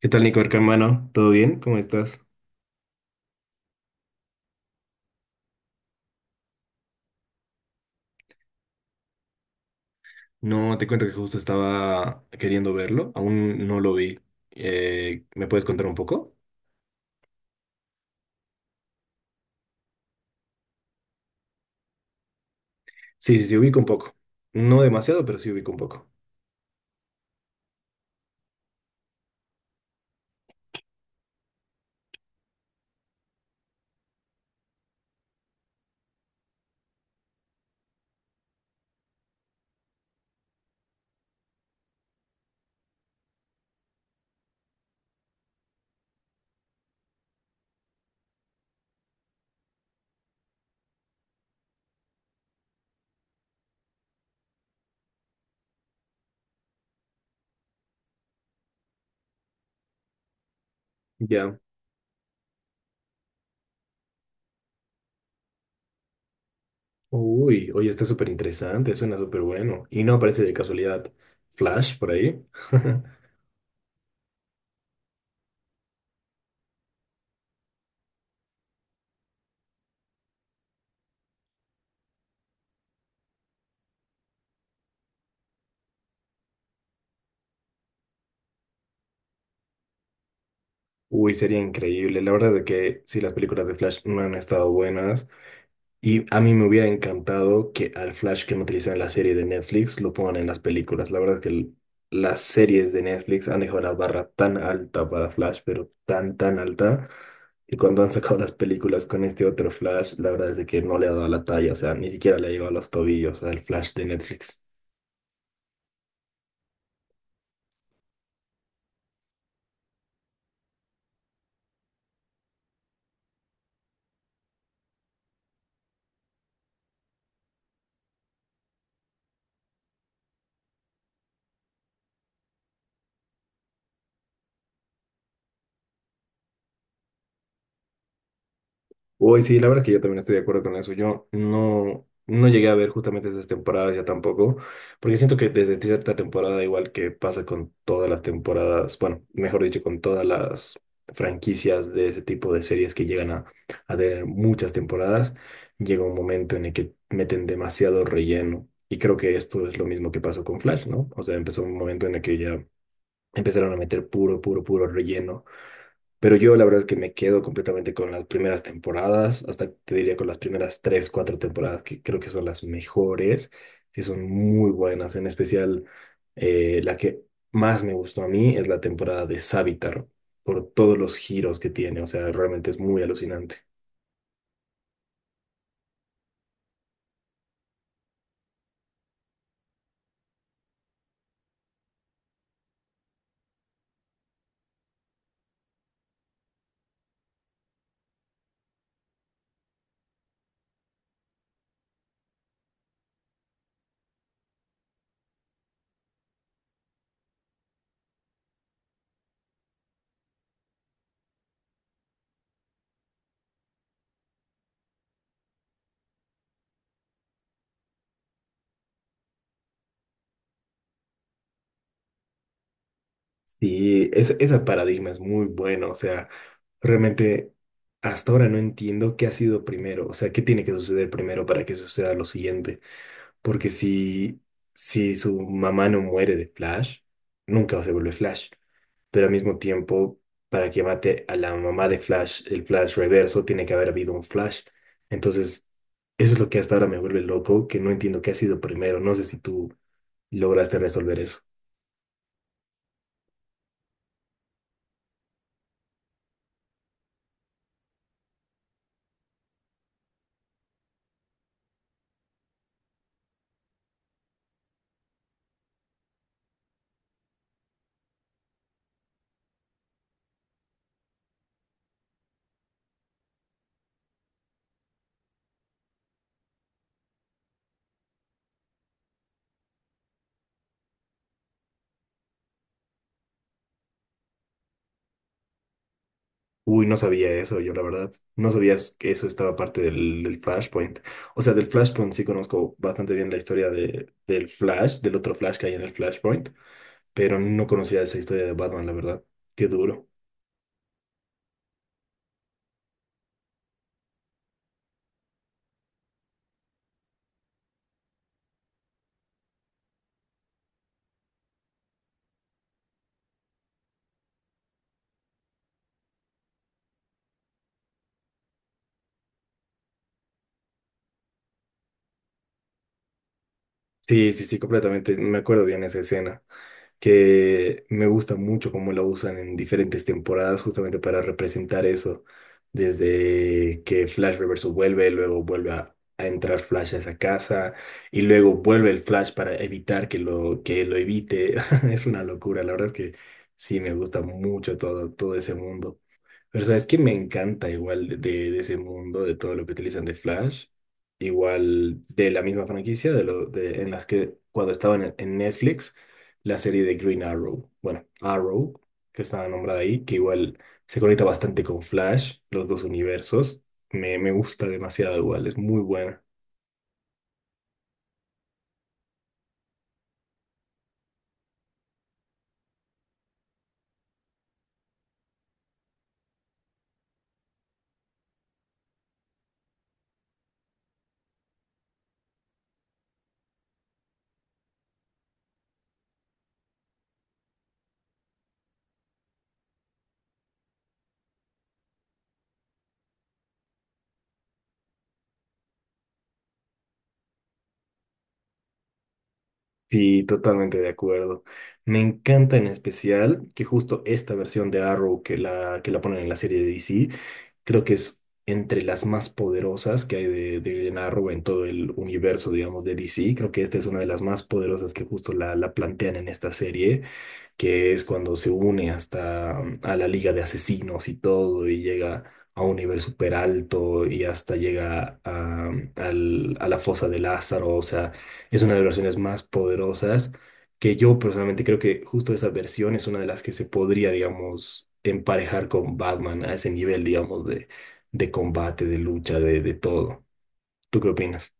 ¿Qué tal, Nico, hermano? ¿Todo bien? ¿Cómo estás? No, te cuento que justo estaba queriendo verlo, aún no lo vi. ¿Me puedes contar un poco? Sí, ubico un poco. No demasiado, pero sí ubico un poco. Ya. Uy, oye, está súper interesante, suena súper bueno. Y no aparece de casualidad Flash por ahí. Uy, sería increíble. La verdad es de que sí, las películas de Flash no han estado buenas. Y a mí me hubiera encantado que al Flash que han utilizado en la serie de Netflix lo pongan en las películas. La verdad es que las series de Netflix han dejado la barra tan alta para Flash, pero tan alta. Y cuando han sacado las películas con este otro Flash, la verdad es de que no le ha dado la talla, o sea, ni siquiera le ha llegado a los tobillos al Flash de Netflix. Uy, sí, la verdad es que yo también estoy de acuerdo con eso. Yo no llegué a ver justamente esas temporadas ya tampoco, porque siento que desde cierta temporada, igual que pasa con todas las temporadas, bueno, mejor dicho, con todas las franquicias de ese tipo de series que llegan a tener muchas temporadas, llega un momento en el que meten demasiado relleno. Y creo que esto es lo mismo que pasó con Flash, ¿no? O sea, empezó un momento en el que ya empezaron a meter puro relleno, pero yo la verdad es que me quedo completamente con las primeras temporadas, hasta te diría con las primeras tres, cuatro temporadas, que creo que son las mejores, que son muy buenas. En especial, la que más me gustó a mí es la temporada de Savitar, por todos los giros que tiene. O sea, realmente es muy alucinante. Sí, es, esa paradigma es muy buena. O sea, realmente hasta ahora no entiendo qué ha sido primero. O sea, qué tiene que suceder primero para que suceda lo siguiente. Porque si su mamá no muere de Flash, nunca se vuelve Flash. Pero al mismo tiempo, para que mate a la mamá de Flash, el Flash reverso, tiene que haber habido un Flash. Entonces, eso es lo que hasta ahora me vuelve loco, que no entiendo qué ha sido primero. No sé si tú lograste resolver eso. Uy, no sabía eso, yo la verdad. No sabías que eso estaba parte del Flashpoint. O sea, del Flashpoint sí conozco bastante bien la historia del Flash, del otro Flash que hay en el Flashpoint, pero no conocía esa historia de Batman, la verdad. Qué duro. Sí, completamente. Me acuerdo bien esa escena, que me gusta mucho cómo lo usan en diferentes temporadas justamente para representar eso, desde que Flash Reverso vuelve, luego vuelve a entrar Flash a esa casa y luego vuelve el Flash para evitar que lo evite. Es una locura, la verdad es que sí, me gusta mucho todo ese mundo. Pero sabes que me encanta igual de ese mundo, de todo lo que utilizan de Flash, igual de la misma franquicia, en las que cuando estaban en Netflix la serie de Green Arrow. Bueno, Arrow, que estaba nombrada ahí, que igual se conecta bastante con Flash, los dos universos. Me gusta demasiado igual, es muy buena. Sí, totalmente de acuerdo. Me encanta en especial que justo esta versión de Arrow que la ponen en la serie de DC, creo que es entre las más poderosas que hay de Arrow en todo el universo, digamos, de DC. Creo que esta es una de las más poderosas que justo la plantean en esta serie, que es cuando se une hasta mm, a la Liga de Asesinos y todo, y llega a un nivel súper alto y hasta llega a, mm, al- a la fosa de Lázaro. O sea, es una de las versiones más poderosas que yo personalmente creo que justo esa versión es una de las que se podría, digamos, emparejar con Batman a ese nivel, digamos, de combate, de lucha, de todo. ¿Tú qué opinas?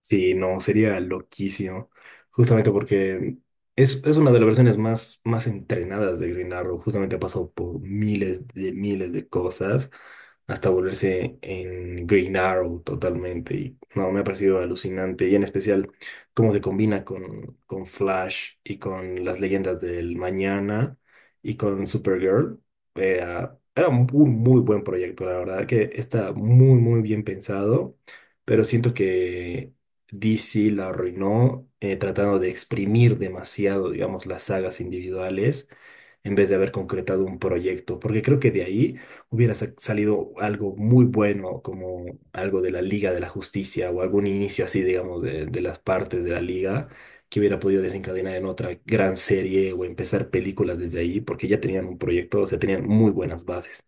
Sí, no, sería loquísimo. Justamente porque es una de las versiones más, más entrenadas de Green Arrow. Justamente ha pasado por miles de cosas hasta volverse en Green Arrow totalmente. Y no, me ha parecido alucinante. Y en especial cómo se combina con Flash y con las leyendas del mañana y con Supergirl. Era un muy, muy buen proyecto, la verdad, que está muy, muy bien pensado. Pero siento que DC la arruinó, tratando de exprimir demasiado, digamos, las sagas individuales en vez de haber concretado un proyecto, porque creo que de ahí hubiera salido algo muy bueno, como algo de la Liga de la Justicia o algún inicio así, digamos, de las partes de la Liga que hubiera podido desencadenar en otra gran serie o empezar películas desde ahí, porque ya tenían un proyecto, o sea, tenían muy buenas bases.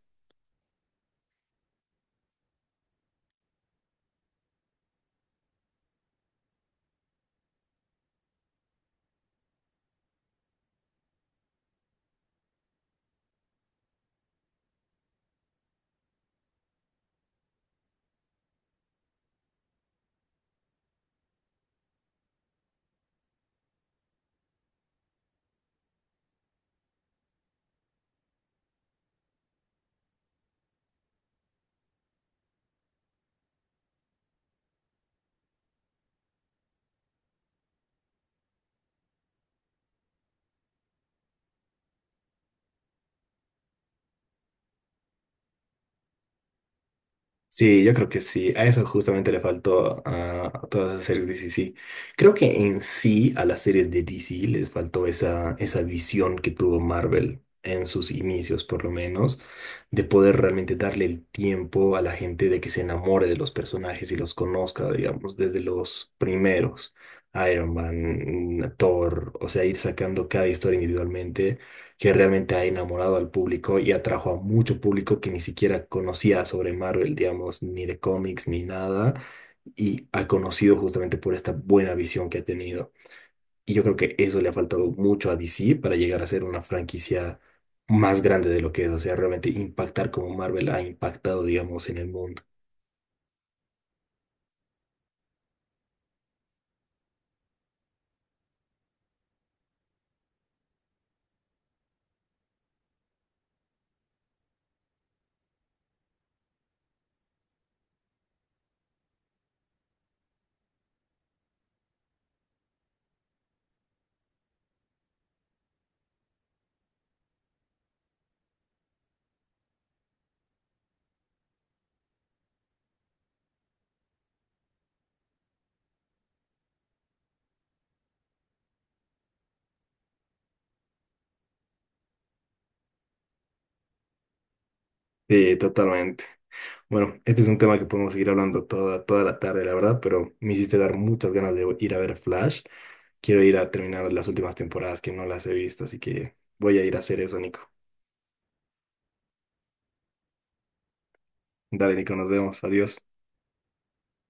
Sí, yo creo que sí. A eso justamente le faltó a todas las series de DC. Sí, creo que en sí a las series de DC les faltó esa, esa visión que tuvo Marvel en sus inicios, por lo menos, de poder realmente darle el tiempo a la gente de que se enamore de los personajes y los conozca, digamos, desde los primeros. Iron Man, Thor, o sea, ir sacando cada historia individualmente, que realmente ha enamorado al público y atrajo a mucho público que ni siquiera conocía sobre Marvel, digamos, ni de cómics, ni nada, y ha conocido justamente por esta buena visión que ha tenido. Y yo creo que eso le ha faltado mucho a DC para llegar a ser una franquicia más grande de lo que es, o sea, realmente impactar como Marvel ha impactado, digamos, en el mundo. Sí, totalmente. Bueno, este es un tema que podemos seguir hablando toda la tarde, la verdad, pero me hiciste dar muchas ganas de ir a ver Flash. Quiero ir a terminar las últimas temporadas que no las he visto, así que voy a ir a hacer eso, Nico. Dale, Nico, nos vemos. Adiós.